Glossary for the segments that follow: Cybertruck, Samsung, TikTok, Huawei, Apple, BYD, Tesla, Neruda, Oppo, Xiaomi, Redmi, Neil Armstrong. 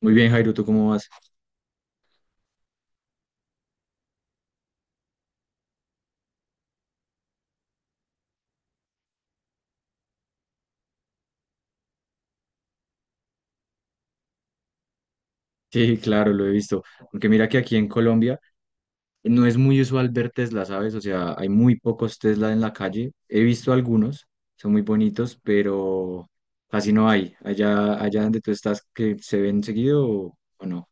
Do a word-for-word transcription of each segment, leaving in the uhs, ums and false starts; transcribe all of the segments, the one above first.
Muy bien, Jairo, ¿tú cómo vas? Sí, claro, lo he visto. Aunque mira que aquí en Colombia no es muy usual ver Tesla, ¿sabes? O sea, hay muy pocos Tesla en la calle. He visto algunos, son muy bonitos, pero casi no hay. Allá, allá donde tú estás, que se ven seguido o, o no.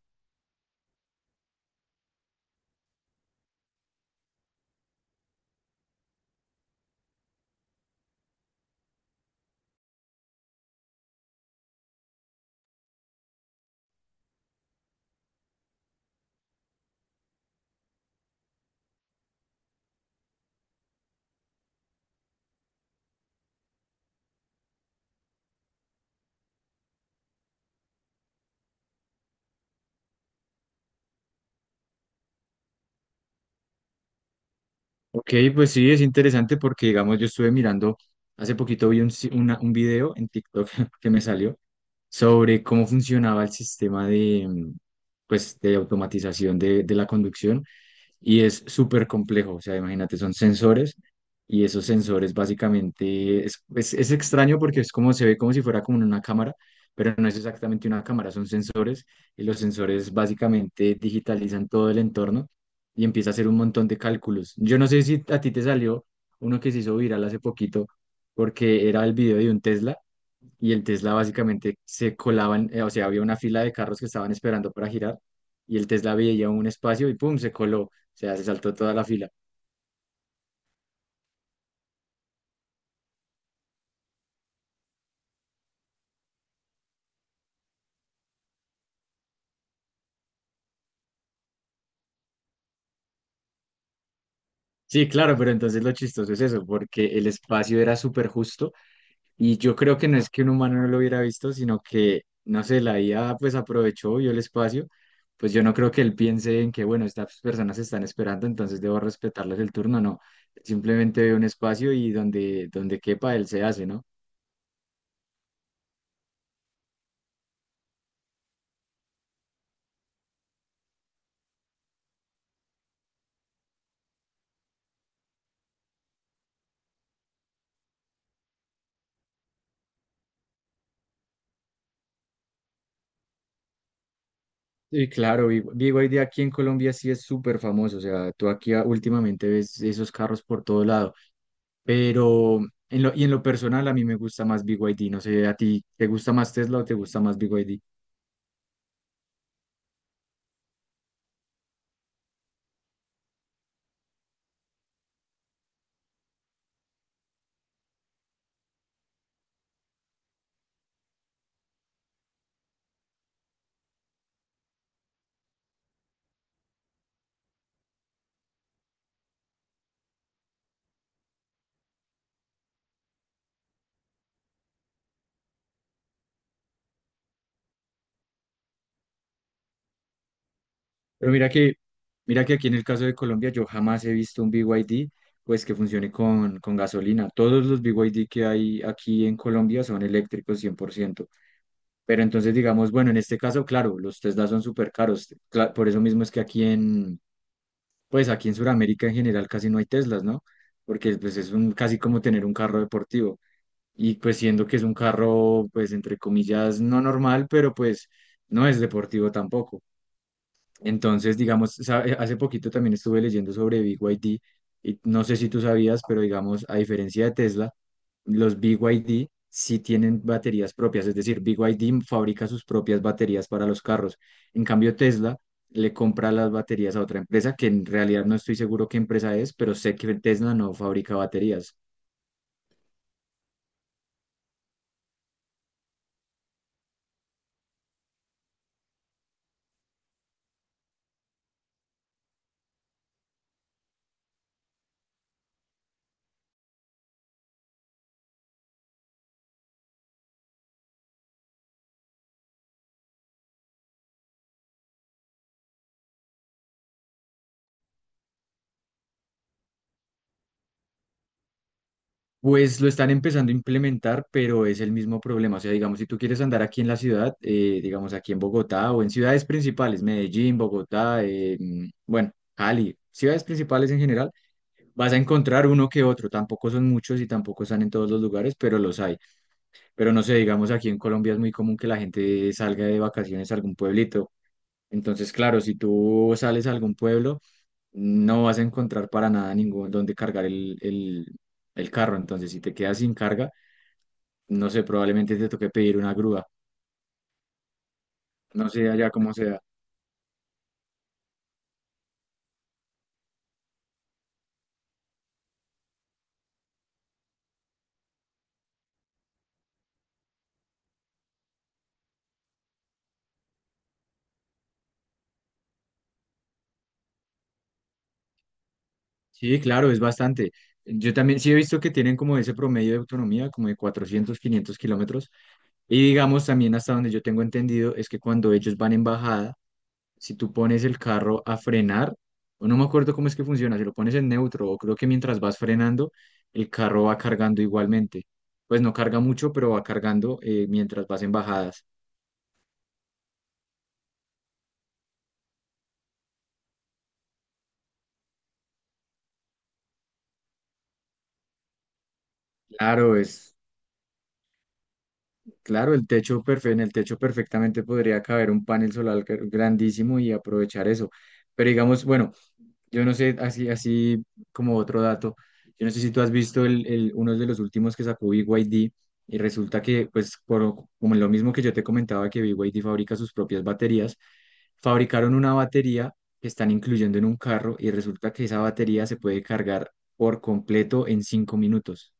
Ok, pues sí, es interesante porque, digamos, yo estuve mirando, hace poquito vi un, si- una- un video en TikTok que me salió sobre cómo funcionaba el sistema de, mm, pues, de automatización de de la conducción y es súper complejo. O sea, imagínate, son sensores y esos sensores básicamente es, es, es extraño porque es como se ve como si fuera como una cámara, pero no es exactamente una cámara, son sensores y los sensores básicamente digitalizan todo el entorno y empieza a hacer un montón de cálculos. Yo no sé si a ti te salió uno que se hizo viral hace poquito porque era el video de un Tesla y el Tesla básicamente se colaban, eh, o sea, había una fila de carros que estaban esperando para girar y el Tesla veía un espacio y pum, se coló, o sea, se saltó toda la fila. Sí, claro, pero entonces lo chistoso es eso, porque el espacio era súper justo y yo creo que no es que un humano no lo hubiera visto, sino que, no sé, la I A pues aprovechó, vio el espacio, pues yo no creo que él piense en que, bueno, estas personas están esperando, entonces debo respetarles el turno, no, simplemente ve un espacio y donde, donde quepa él se hace, ¿no? Sí, claro, Big Big Y D aquí en Colombia sí es súper famoso, o sea, tú aquí a- últimamente ves esos carros por todo lado, pero en lo, y en lo personal a mí me gusta más Big Y D. No sé, a ti, ¿te gusta más Tesla o te gusta más Big Y D? Pero mira que, mira que aquí en el caso de Colombia yo jamás he visto un Big Y D pues que funcione con, con gasolina, todos los Big Y D que hay aquí en Colombia son eléctricos cien por ciento. Pero entonces digamos, bueno, en este caso, claro, los Tesla son súper caros, cla- por eso mismo es que aquí en, pues aquí en Sudamérica en general casi no hay Teslas, ¿no? Porque pues es un, casi como tener un carro deportivo. Y pues siendo que es un carro, pues entre comillas, no normal, pero pues no es deportivo tampoco. Entonces, digamos, sa- hace poquito también estuve leyendo sobre B Y D y D y no sé si tú sabías, pero digamos, a diferencia de Tesla, los B Y D sí tienen baterías propias, es decir, B Y D fabrica sus propias baterías para los carros. En cambio, Tesla le compra las baterías a otra empresa que en realidad no estoy seguro qué empresa es, pero sé que Tesla no fabrica baterías. Pues lo están empezando a implementar, pero es el mismo problema. O sea, digamos, si tú quieres andar aquí en la ciudad, eh, digamos aquí en Bogotá o en ciudades principales, Medellín, Bogotá, eh, mm, bueno, Cali, ciudades principales en general, vas a encontrar uno que otro. Tampoco son muchos y tampoco están en todos los lugares, pero los hay. Pero no sé, digamos, aquí en Colombia es muy común que la gente salga de vacaciones a algún pueblito. Entonces, claro, si tú sales a algún pueblo, no vas a encontrar para nada ningún donde cargar el, el el carro. Entonces, si te quedas sin carga, no sé, probablemente te toque pedir una grúa, no sé allá cómo sea. Sí, claro, es bastante. Yo también sí he visto que tienen como ese promedio de autonomía, como de cuatrocientos quinientos kilómetros. Y digamos también hasta donde yo tengo entendido es que cuando ellos van en bajada, si tú pones el carro a frenar, o no me acuerdo cómo es que funciona, si lo pones en neutro o creo que mientras vas frenando, el carro va cargando igualmente. Pues no carga mucho, pero va cargando eh, mientras vas en bajadas. Claro, es Claro, el techo perfe- en el techo perfectamente podría caber un panel solar gr- grandísimo y aprovechar eso. Pero digamos, bueno, yo no sé, así, así como otro dato, yo no sé si tú has visto el, el- uno de los últimos que sacó B Y D y D y resulta que, pues, por, como lo mismo que yo te comentaba que B Y D fabrica sus propias baterías, fabricaron una batería que están incluyendo en un carro y resulta que esa batería se puede cargar por completo en cinco minutos.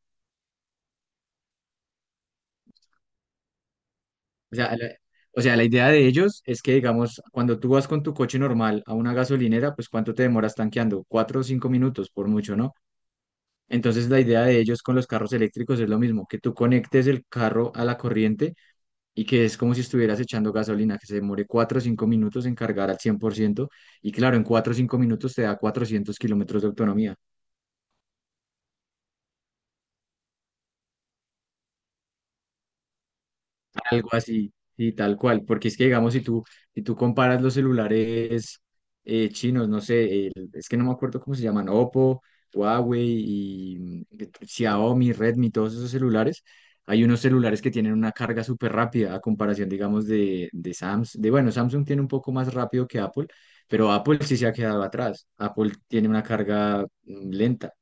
O sea, la, o sea, la idea de ellos es que, digamos, cuando tú vas con tu coche normal a una gasolinera, pues ¿cuánto te demoras tanqueando? Cuatro o cinco minutos, por mucho, ¿no? Entonces, la idea de ellos con los carros eléctricos es lo mismo, que tú conectes el carro a la corriente y que es como si estuvieras echando gasolina, que se demore cuatro o cinco minutos en cargar al cien por ciento. Y claro, en cuatro o cinco minutos te da cuatrocientos kilómetros de autonomía. Algo así, y tal cual, porque es que digamos, si tú, si tú comparas los celulares eh, chinos, no sé, el- es que no me acuerdo cómo se llaman, Oppo, Huawei y mm, Xiaomi, Redmi, todos esos celulares, hay unos celulares que tienen una carga súper rápida a comparación, digamos, de, de Samsung, de bueno, Samsung tiene un poco más rápido que Apple, pero Apple sí se ha quedado atrás, Apple tiene una carga mm, lenta.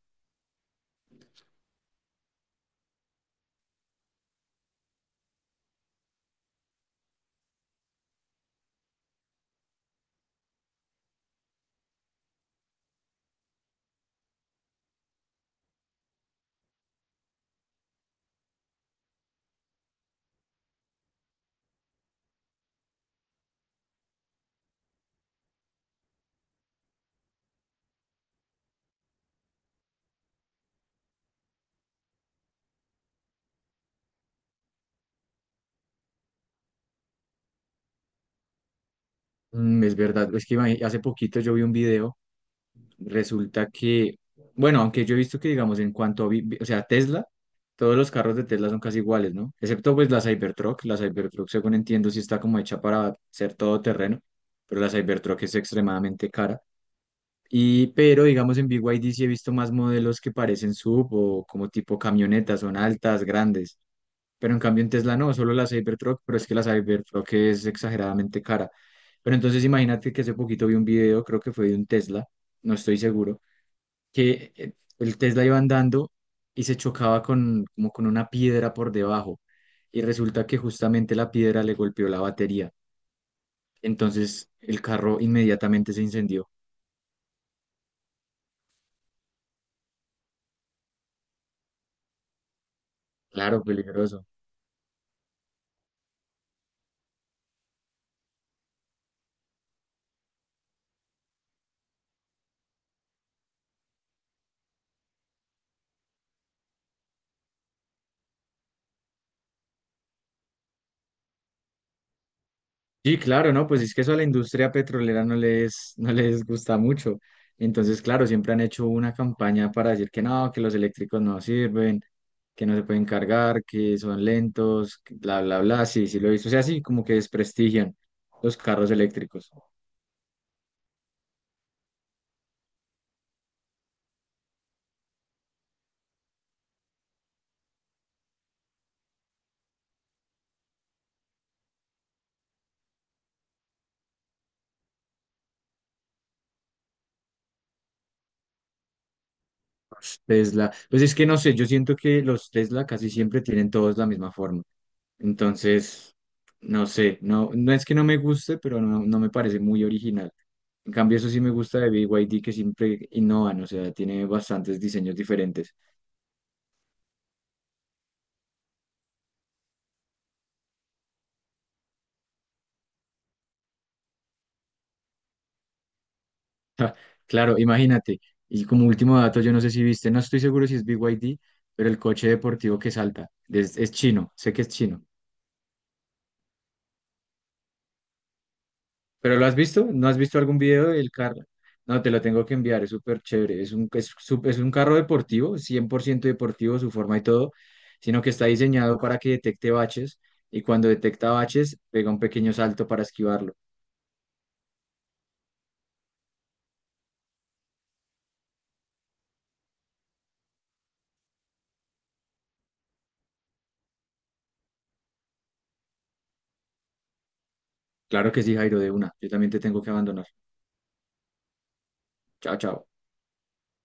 Mm, Es verdad, es que imagi- hace poquito yo vi un video. Resulta que, bueno, aunque yo he visto que, digamos, en cuanto a, vi- vi- o sea, Tesla, todos los carros de Tesla son casi iguales, ¿no? Excepto pues la Cybertruck. La Cybertruck, según entiendo, sí está como hecha para ser todoterreno, pero la Cybertruck es extremadamente cara. Y, pero, digamos, en B Y D sí he visto más modelos que parecen S U V o como tipo camionetas, son altas, grandes. Pero en cambio en Tesla no, solo la Cybertruck, pero es que la Cybertruck es exageradamente cara. Pero entonces imagínate que hace poquito vi un video, creo que fue de un Tesla, no estoy seguro que eh, el Tesla iba andando y se chocaba con, como con una piedra por debajo. Y resulta que justamente la piedra le golpeó la batería. Entonces el carro inmediatamente se incendió. Claro, peligroso. Sí, claro, ¿no? Pues es que eso a la industria petrolera no les, no les gusta mucho. Entonces, claro, siempre han hecho una campaña para decir que no, que los eléctricos no sirven, que no se pueden cargar, que son lentos, que bla, bla, bla. Sí, sí lo he visto. O sea, sí, como que desprestigian los carros eléctricos. Tesla. Pues es que no sé, yo siento que los Tesla casi siempre tienen todos la misma forma. Entonces, no sé, no, no es que no me guste, pero no, no me parece muy original. En cambio, eso sí me gusta de B Y D que siempre innovan, o sea, tiene bastantes diseños diferentes. Ja, claro, imagínate. Y como último dato, yo no sé si viste, no estoy seguro si es B Y D, pero el coche deportivo que salta es, es chino, sé que es chino. ¿Pero lo has visto? ¿No has visto algún video del carro? No, te lo tengo que enviar, es súper chévere. Es un, es, su- es un carro deportivo, cien por ciento deportivo, su forma y todo, sino que está diseñado para que detecte baches y cuando detecta baches, pega un pequeño salto para esquivarlo. Claro que sí, Jairo, de una. Yo también te tengo que abandonar. Chao, chao.